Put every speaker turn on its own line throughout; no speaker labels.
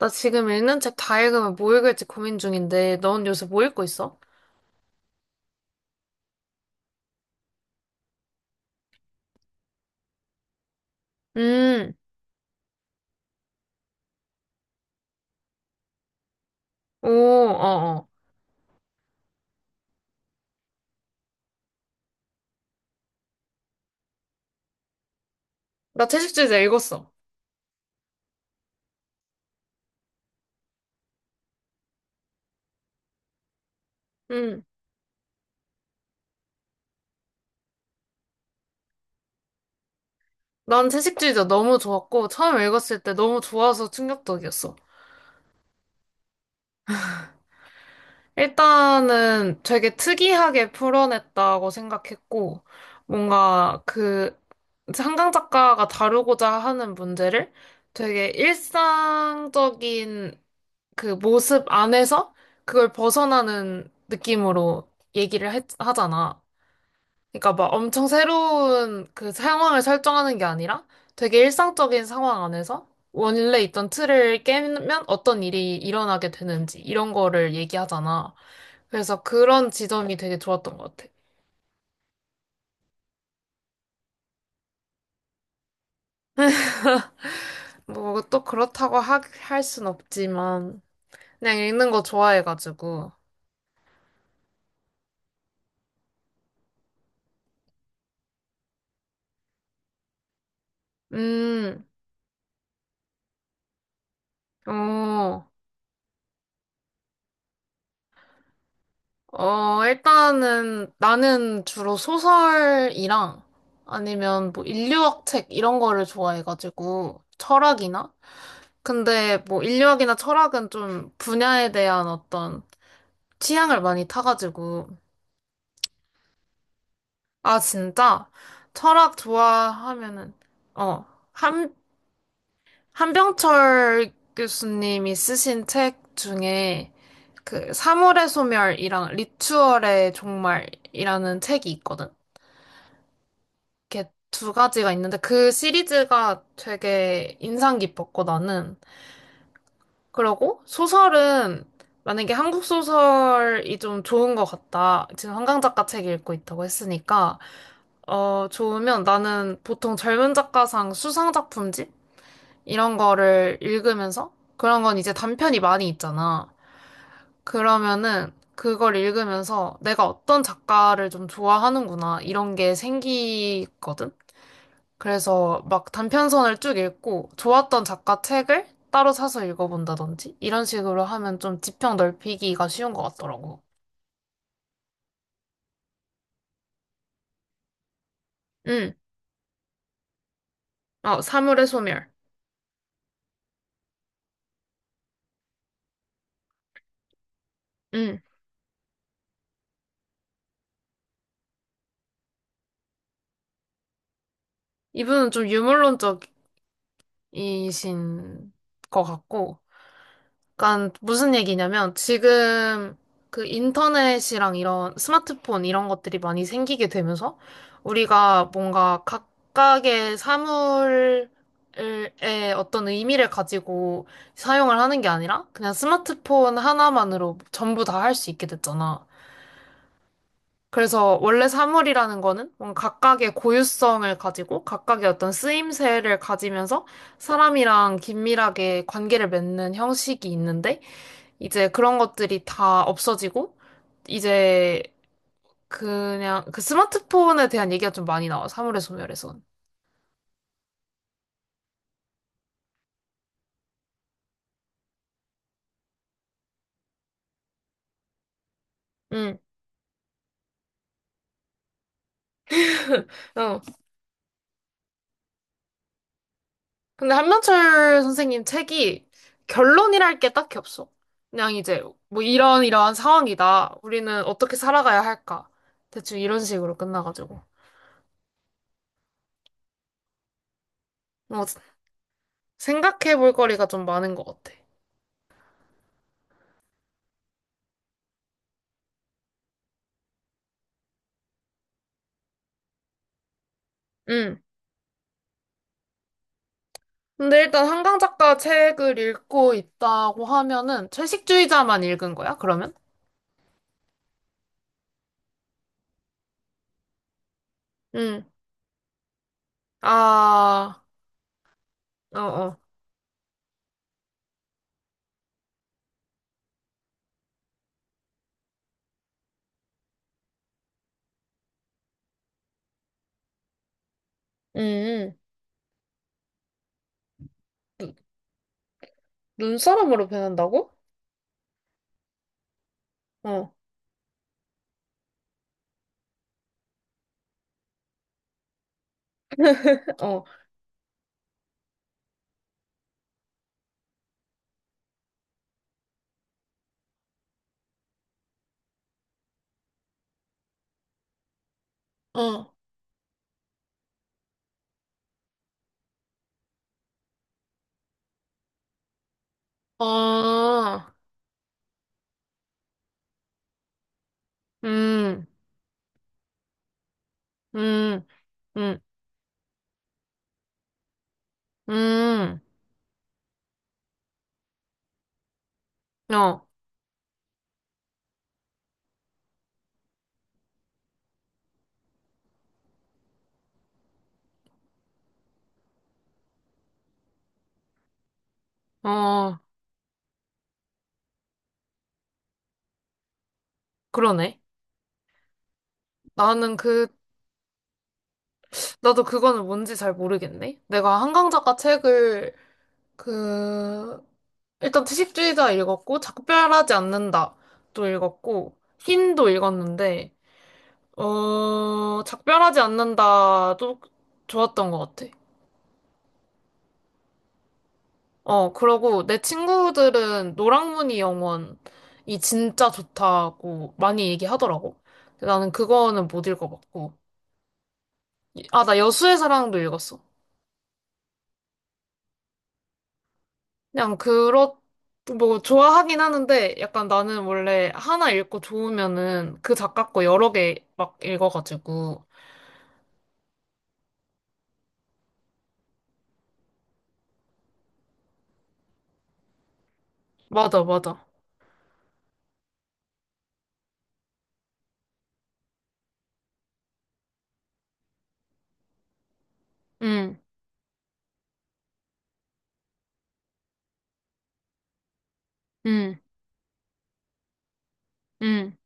나 지금 읽는 책 다 읽으면 뭐 읽을지 고민 중인데, 넌 요새 뭐 읽고 있어? 음, 오, 어, 어. 나 채식주의자 읽었어. 음, 난 채식주의자 너무 좋았고, 처음 읽었을 때 너무 좋아서 충격적이었어. 일단은 되게 특이하게 풀어냈다고 생각했고, 뭔가 그, 한강 작가가 다루고자 하는 문제를 되게 일상적인 그 모습 안에서 그걸 벗어나는 느낌으로 얘기를 하잖아. 그러니까 막 엄청 새로운 그 상황을 설정하는 게 아니라 되게 일상적인 상황 안에서 원래 있던 틀을 깨면 어떤 일이 일어나게 되는지 이런 거를 얘기하잖아. 그래서 그런 지점이 되게 좋았던 것 같아. 뭐 또 그렇다고 할 순 없지만 그냥 읽는 거 좋아해가지고. 음, 어. 어, 일단은 나는 주로 소설이랑 아니면 뭐 인류학 책 이런 거를 좋아해가지고 철학이나? 근데 뭐 인류학이나 철학은 좀 분야에 대한 어떤 취향을 많이 타가지고 아, 진짜? 철학 좋아하면은 어, 한, 한병철 교수님이 쓰신 책 중에 그 사물의 소멸이랑 리추얼의 종말이라는 책이 있거든. 이렇게 두 가지가 있는데 그 시리즈가 되게 인상 깊었고 나는 그러고 소설은 만약에 한국 소설이 좀 좋은 것 같다. 지금 한강 작가 책 읽고 있다고 했으니까 어 좋으면 나는 보통 젊은 작가상 수상 작품집 이런 거를 읽으면서 그런 건 이제 단편이 많이 있잖아. 그러면은 그걸 읽으면서 내가 어떤 작가를 좀 좋아하는구나 이런 게 생기거든. 그래서 막 단편선을 쭉 읽고 좋았던 작가 책을 따로 사서 읽어본다든지 이런 식으로 하면 좀 지평 넓히기가 쉬운 것 같더라고. 응. 어, 사물의 소멸. 응. 이분은 좀 유물론적이신 것 같고 그러니까 무슨 얘기냐면 지금 그 인터넷이랑 이런 스마트폰 이런 것들이 많이 생기게 되면서 우리가 뭔가 각각의 사물의 어떤 의미를 가지고 사용을 하는 게 아니라 그냥 스마트폰 하나만으로 전부 다 할 수 있게 됐잖아. 그래서 원래 사물이라는 거는 뭔가 각각의 고유성을 가지고 각각의 어떤 쓰임새를 가지면서 사람이랑 긴밀하게 관계를 맺는 형식이 있는데 이제 그런 것들이 다 없어지고, 이제 그냥 그 스마트폰에 대한 얘기가 좀 많이 나와, 사물의 소멸에선. 응, 어. 근데 한명철 선생님 책이 결론이랄 게 딱히 없어. 그냥 이제 뭐 이런 이러한 상황이다. 우리는 어떻게 살아가야 할까? 대충 이런 식으로 끝나가지고. 뭐 생각해 볼 거리가 좀 많은 것 같아. 응. 근데 일단 한강 작가 책을 읽고 있다고 하면은 채식주의자만 읽은 거야, 그러면? 응. 아, 어, 어. 음, 눈- 눈사람으로 변한다고? 어, 어, 어, 어, 음, 음, 음, 음, 어, 어, 그러네. 나는 그, 나도 그거는 뭔지 잘 모르겠네. 내가 한강 작가 책을, 그, 일단 채식주의자 읽었고, 작별하지 않는다. 도 읽었고, 흰도 읽었는데, 어, 작별하지 않는다도 좋았던 것 같아. 어, 그러고 내 친구들은 노랑무늬 영원이 진짜 좋다고 많이 얘기하더라고. 근데 나는 그거는 못 읽어봤고. 아, 나 여수의 사랑도 읽었어. 그냥 뭐, 좋아하긴 하는데 약간 나는 원래 하나 읽고 좋으면은 그 작가 거 여러 개 막 읽어가지고. 맞아, 맞아. 응, 응, 응,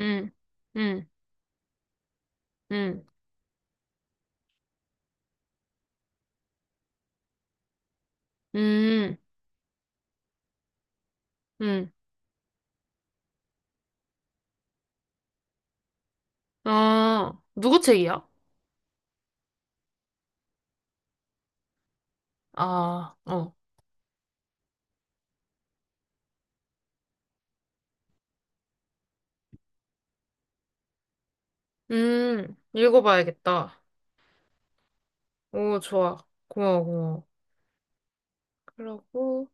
응, 응, 응, 응, 응. 아, 누구 책이야? 아, 어. 읽어봐야겠다. 오, 좋아. 고마워, 고마워. 그러고,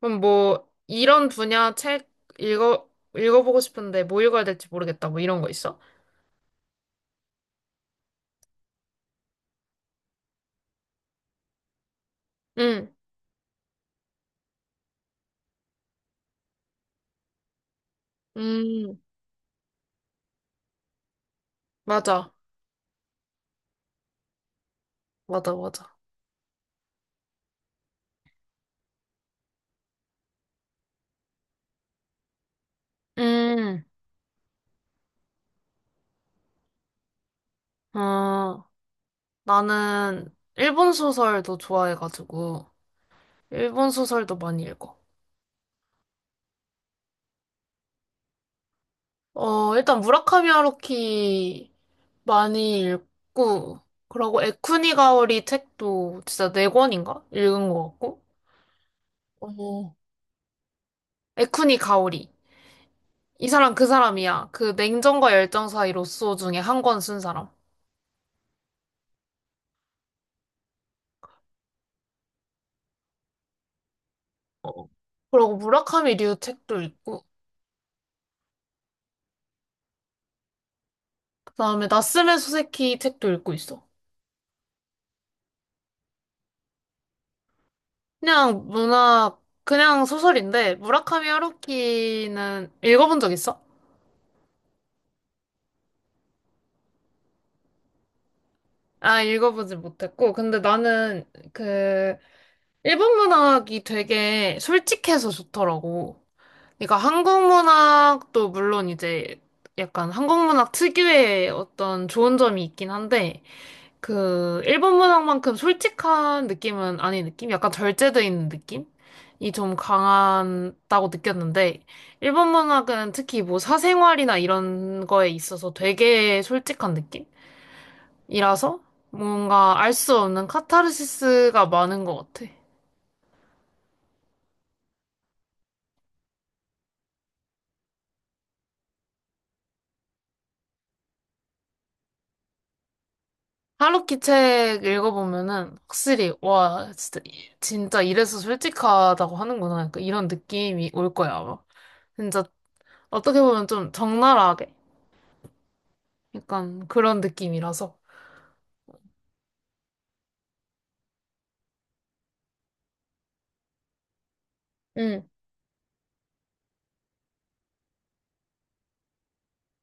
그럼 뭐, 이런 분야 책 읽어, 읽어보고 싶은데 뭐 읽어야 될지 모르겠다. 뭐 이런 거 있어? 응, 음, 맞아. 맞아, 맞아. 음, 아, 나는 일본 소설도 좋아해가지고, 일본 소설도 많이 읽어. 어, 일단 무라카미 하루키 많이 읽고, 그러고 에쿠니 가오리 책도 진짜 네 권인가? 읽은 것 같고. 어, 에쿠니 가오리. 이 사람 그 사람이야. 그 냉정과 열정 사이 로쏘 중에 한 권 쓴 사람. 어. 그러고 무라카미 류 책도 읽고, 그다음에 나스메 소세키 책도 읽고 있어. 그냥 문학, 그냥 소설인데, 무라카미 하루키는 읽어본 적 있어? 아, 읽어보지 못했고, 근데 나는 그 일본 문학이 되게 솔직해서 좋더라고. 그러니까 한국 문학도 물론 이제 약간 한국 문학 특유의 어떤 좋은 점이 있긴 한데, 그 일본 문학만큼 솔직한 느낌은 아닌 느낌? 약간 절제돼 있는 느낌? 이 좀 강하다고 느꼈는데, 일본 문학은 특히 뭐 사생활이나 이런 거에 있어서 되게 솔직한 느낌이라서 뭔가 알 수 없는 카타르시스가 많은 것 같아. 하루키 책 읽어보면은 확실히 와 진짜 진짜 이래서 솔직하다고 하는구나 그러니까 이런 느낌이 올 거야 아마 진짜 어떻게 보면 좀 적나라하게 약간 그런 느낌이라서 응.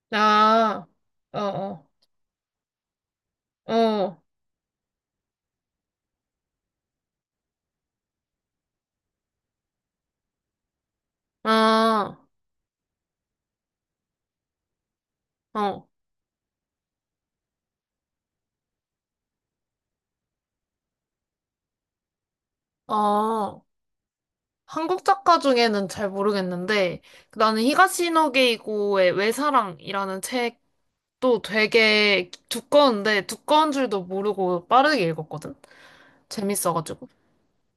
아, 어, 어, 어, 아, 어, 어. 한국 작가 중에는 잘 모르겠는데 나는 히가시노게이고의 외사랑이라는 또 되게 두꺼운데 두꺼운 줄도 모르고 빠르게 읽었거든. 재밌어가지고.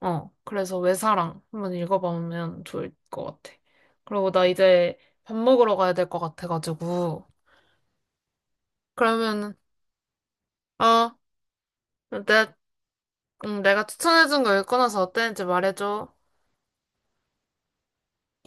어, 그래서 외사랑 한번 읽어보면 좋을 것 같아. 그리고 나 이제 밥 먹으러 가야 될 것 같아가지고. 그러면, 어, 내, 내가 추천해준 거 읽고 나서 어땠는지 말해줘.